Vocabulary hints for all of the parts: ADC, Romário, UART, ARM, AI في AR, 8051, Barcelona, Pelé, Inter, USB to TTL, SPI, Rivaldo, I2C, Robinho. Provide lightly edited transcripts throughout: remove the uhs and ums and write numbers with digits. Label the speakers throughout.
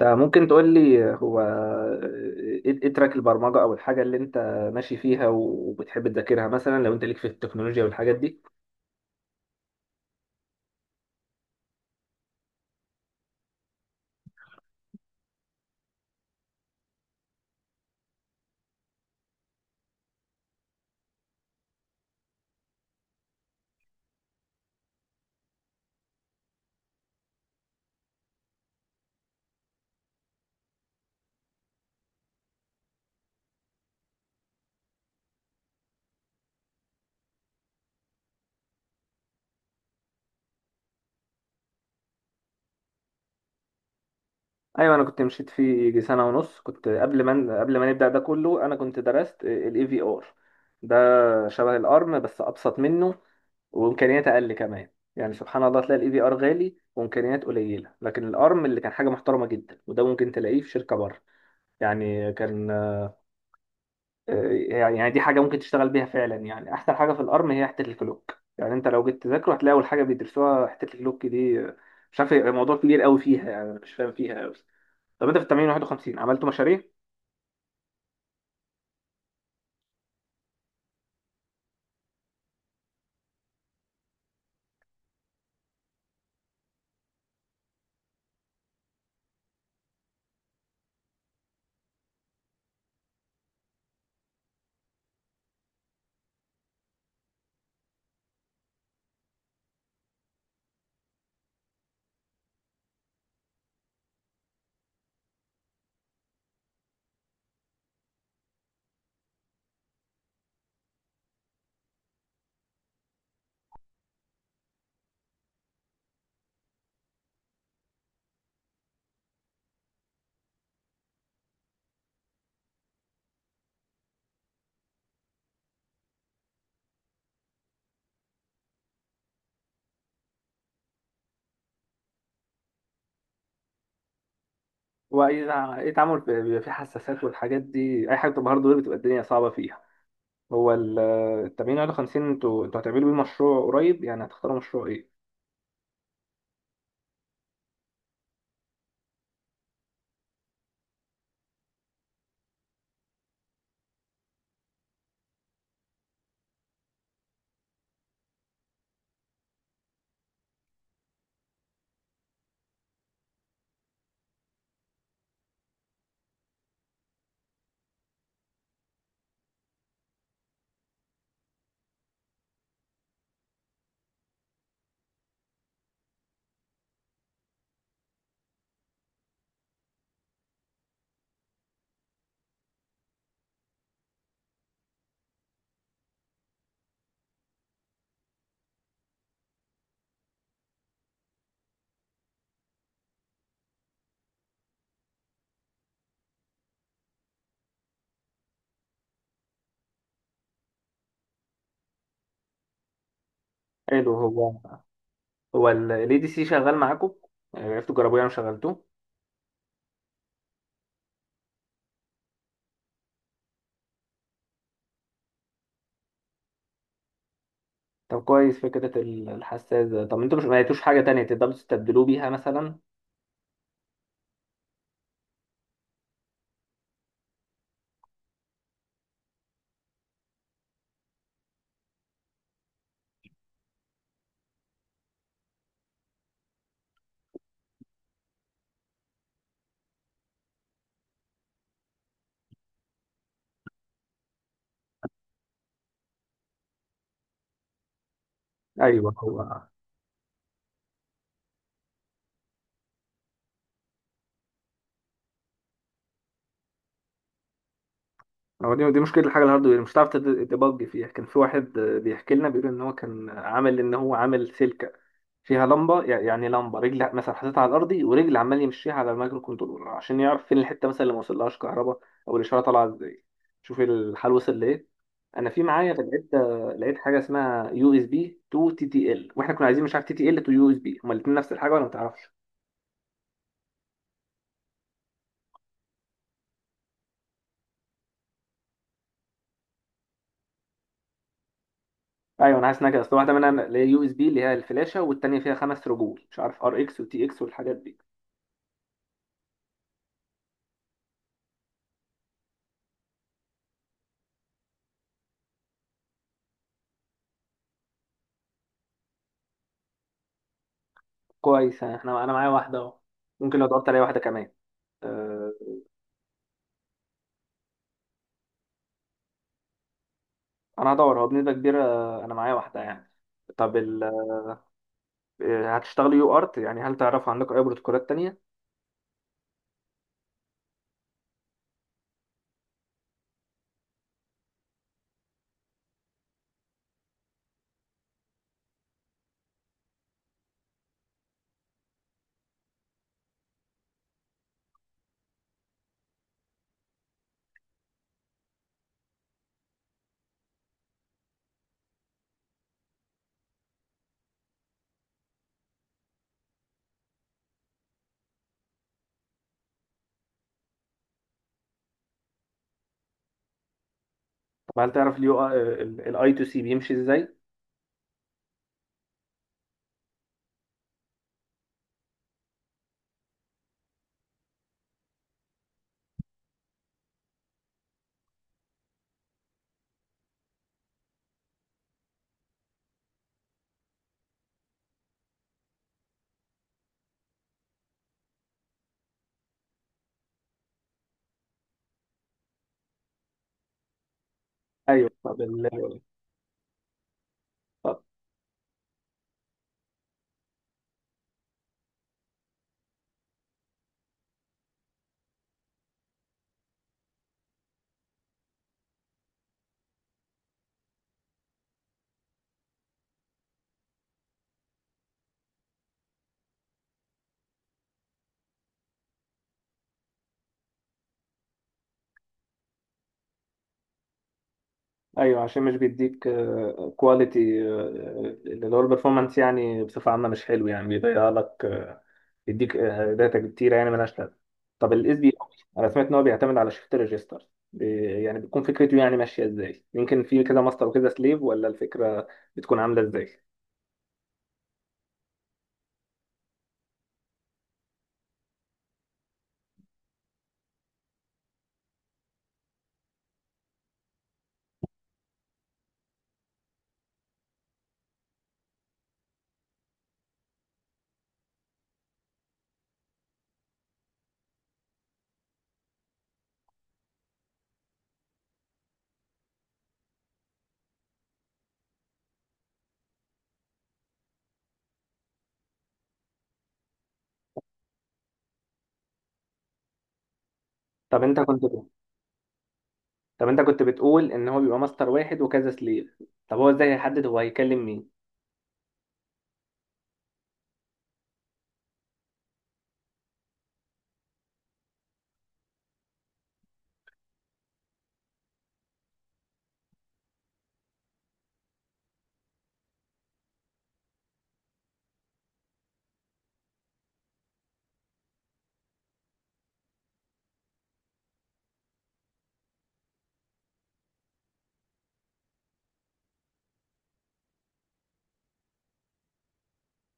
Speaker 1: انت ممكن تقول لي هو إيه تراك البرمجه او الحاجه اللي انت ماشي فيها وبتحب تذاكرها مثلا لو انت ليك في التكنولوجيا والحاجات دي. ايوه، انا كنت مشيت فيه يجي سنه ونص، كنت قبل ما نبدا ده كله انا كنت درست الاي في ار ده، شبه الارم بس ابسط منه وامكانيات اقل كمان. يعني سبحان الله تلاقي الاي في ار غالي وامكانيات قليله، لكن الارم اللي كان حاجه محترمه جدا وده ممكن تلاقيه في شركه بره. يعني كان يعني دي حاجة ممكن تشتغل بيها فعلا. يعني أحسن حاجة في الأرم هي حتة الكلوك، يعني أنت لو جيت تذاكره هتلاقي أول حاجة بيدرسوها حتة الكلوك دي. مش عارف، هي موضوع كبير قوي فيها، يعني أنا مش فاهم فيها قوي. طب أنت في التمرين 51 عملتوا مشاريع؟ وإذا بيبقى فيه حساسات والحاجات دي، أي حاجة بتبقى هاردوير بتبقى الدنيا صعبة فيها. هو ال- آه، التمرين 51 أنتوا هتعملوا بيه مشروع قريب، يعني هتختاروا مشروع إيه؟ حلو. ال ADC شغال معاكم؟ آه، عرفتوا تجربوه يعني وشغلتوه؟ طب كويس. فكرة الحساس ده، طب انتوا مش ما لقيتوش حاجة تانية تقدروا تستبدلوه بيها مثلا؟ ايوه. هو هو دي مشكله الحاجه الهاردوير، مش هتعرف تبج فيها. كان في واحد بيحكي لنا، بيقول ان هو كان عامل ان هو عامل سلكه فيها لمبه، يعني لمبه رجل مثلا حاططها على الارضي ورجل عمال يمشيها على المايكرو كنترولر عشان يعرف فين الحته مثلا اللي ما وصلهاش كهرباء او الاشاره طالعه ازاي. شوف الحال وصل لايه. انا في معايا لقيت، لقيت حاجه اسمها يو اس بي تو تي تي ال، واحنا كنا عايزين مش عارف تي تي ال تو يو اس بي، هما الاثنين نفس الحاجه ولا ما تعرفش؟ ايوه انا حاسس انها كده، اصل واحده منها اللي هي يو اس بي اللي هي الفلاشه والتانيه فيها خمس رجول، مش عارف ار اكس وتي اكس والحاجات دي. كويس، احنا انا معايا واحده اهو. ممكن لو دورت عليا واحده كمان. أه. انا هدور، هو بنسبه كبيره انا معايا واحده يعني. طب ال... هتشتغلوا يو ارت يعني، هل تعرفوا عندكم اي بروتوكولات تانيه؟ طب هل تعرف اليو الاي تو سي بيمشي ازاي؟ ايوه طب ال... ايوه، عشان مش بيديك كواليتي، اللي هو البرفورمانس، يعني بصفه عامه مش حلو يعني، بيضيع لك، بيديك داتا كتيره يعني ملهاش لازمه. طب الاس بي اي، انا سمعت ان هو بيعتمد على شيفت ريجستر، يعني بتكون فكرته يعني ماشيه ازاي، يمكن في كده ماستر وكده سليف، ولا الفكره بتكون عامله ازاي؟ طب انت كنت طب انت كنت بتقول ان هو بيبقى ماستر واحد وكذا سليف، طب هو ازاي هيحدد هو هيكلم مين؟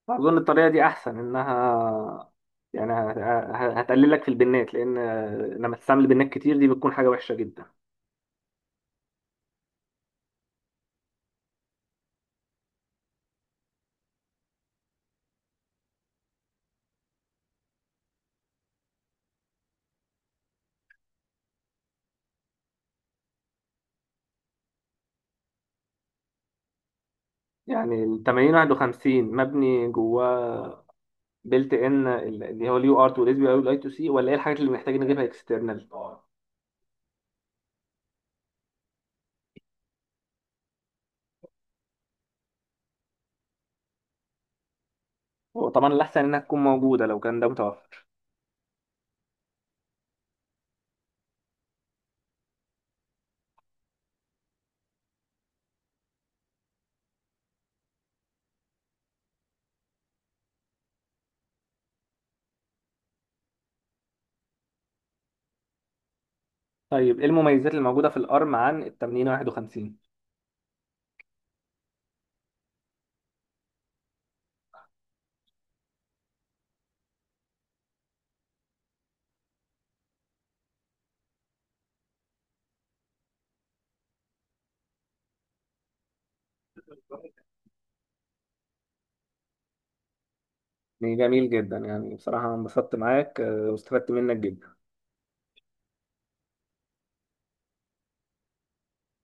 Speaker 1: أظن الطريقة دي أحسن، إنها يعني هتقلل لك في البنات، لأن لما تستعمل بنات كتير دي بتكون حاجة وحشة جدا. يعني ال 8051 مبني جواه بيلت إن اللي هو اليو ارت والاس بي اي والاي تو سي، ولا إيه الحاجات اللي محتاجين نجيبها اكسترنال؟ وطبعا الأحسن إنها تكون موجودة لو كان ده متوفر. طيب إيه المميزات اللي موجودة في الأرم عن ال 8051؟ جميل جدا، يعني بصراحة انبسطت معاك واستفدت منك جدا.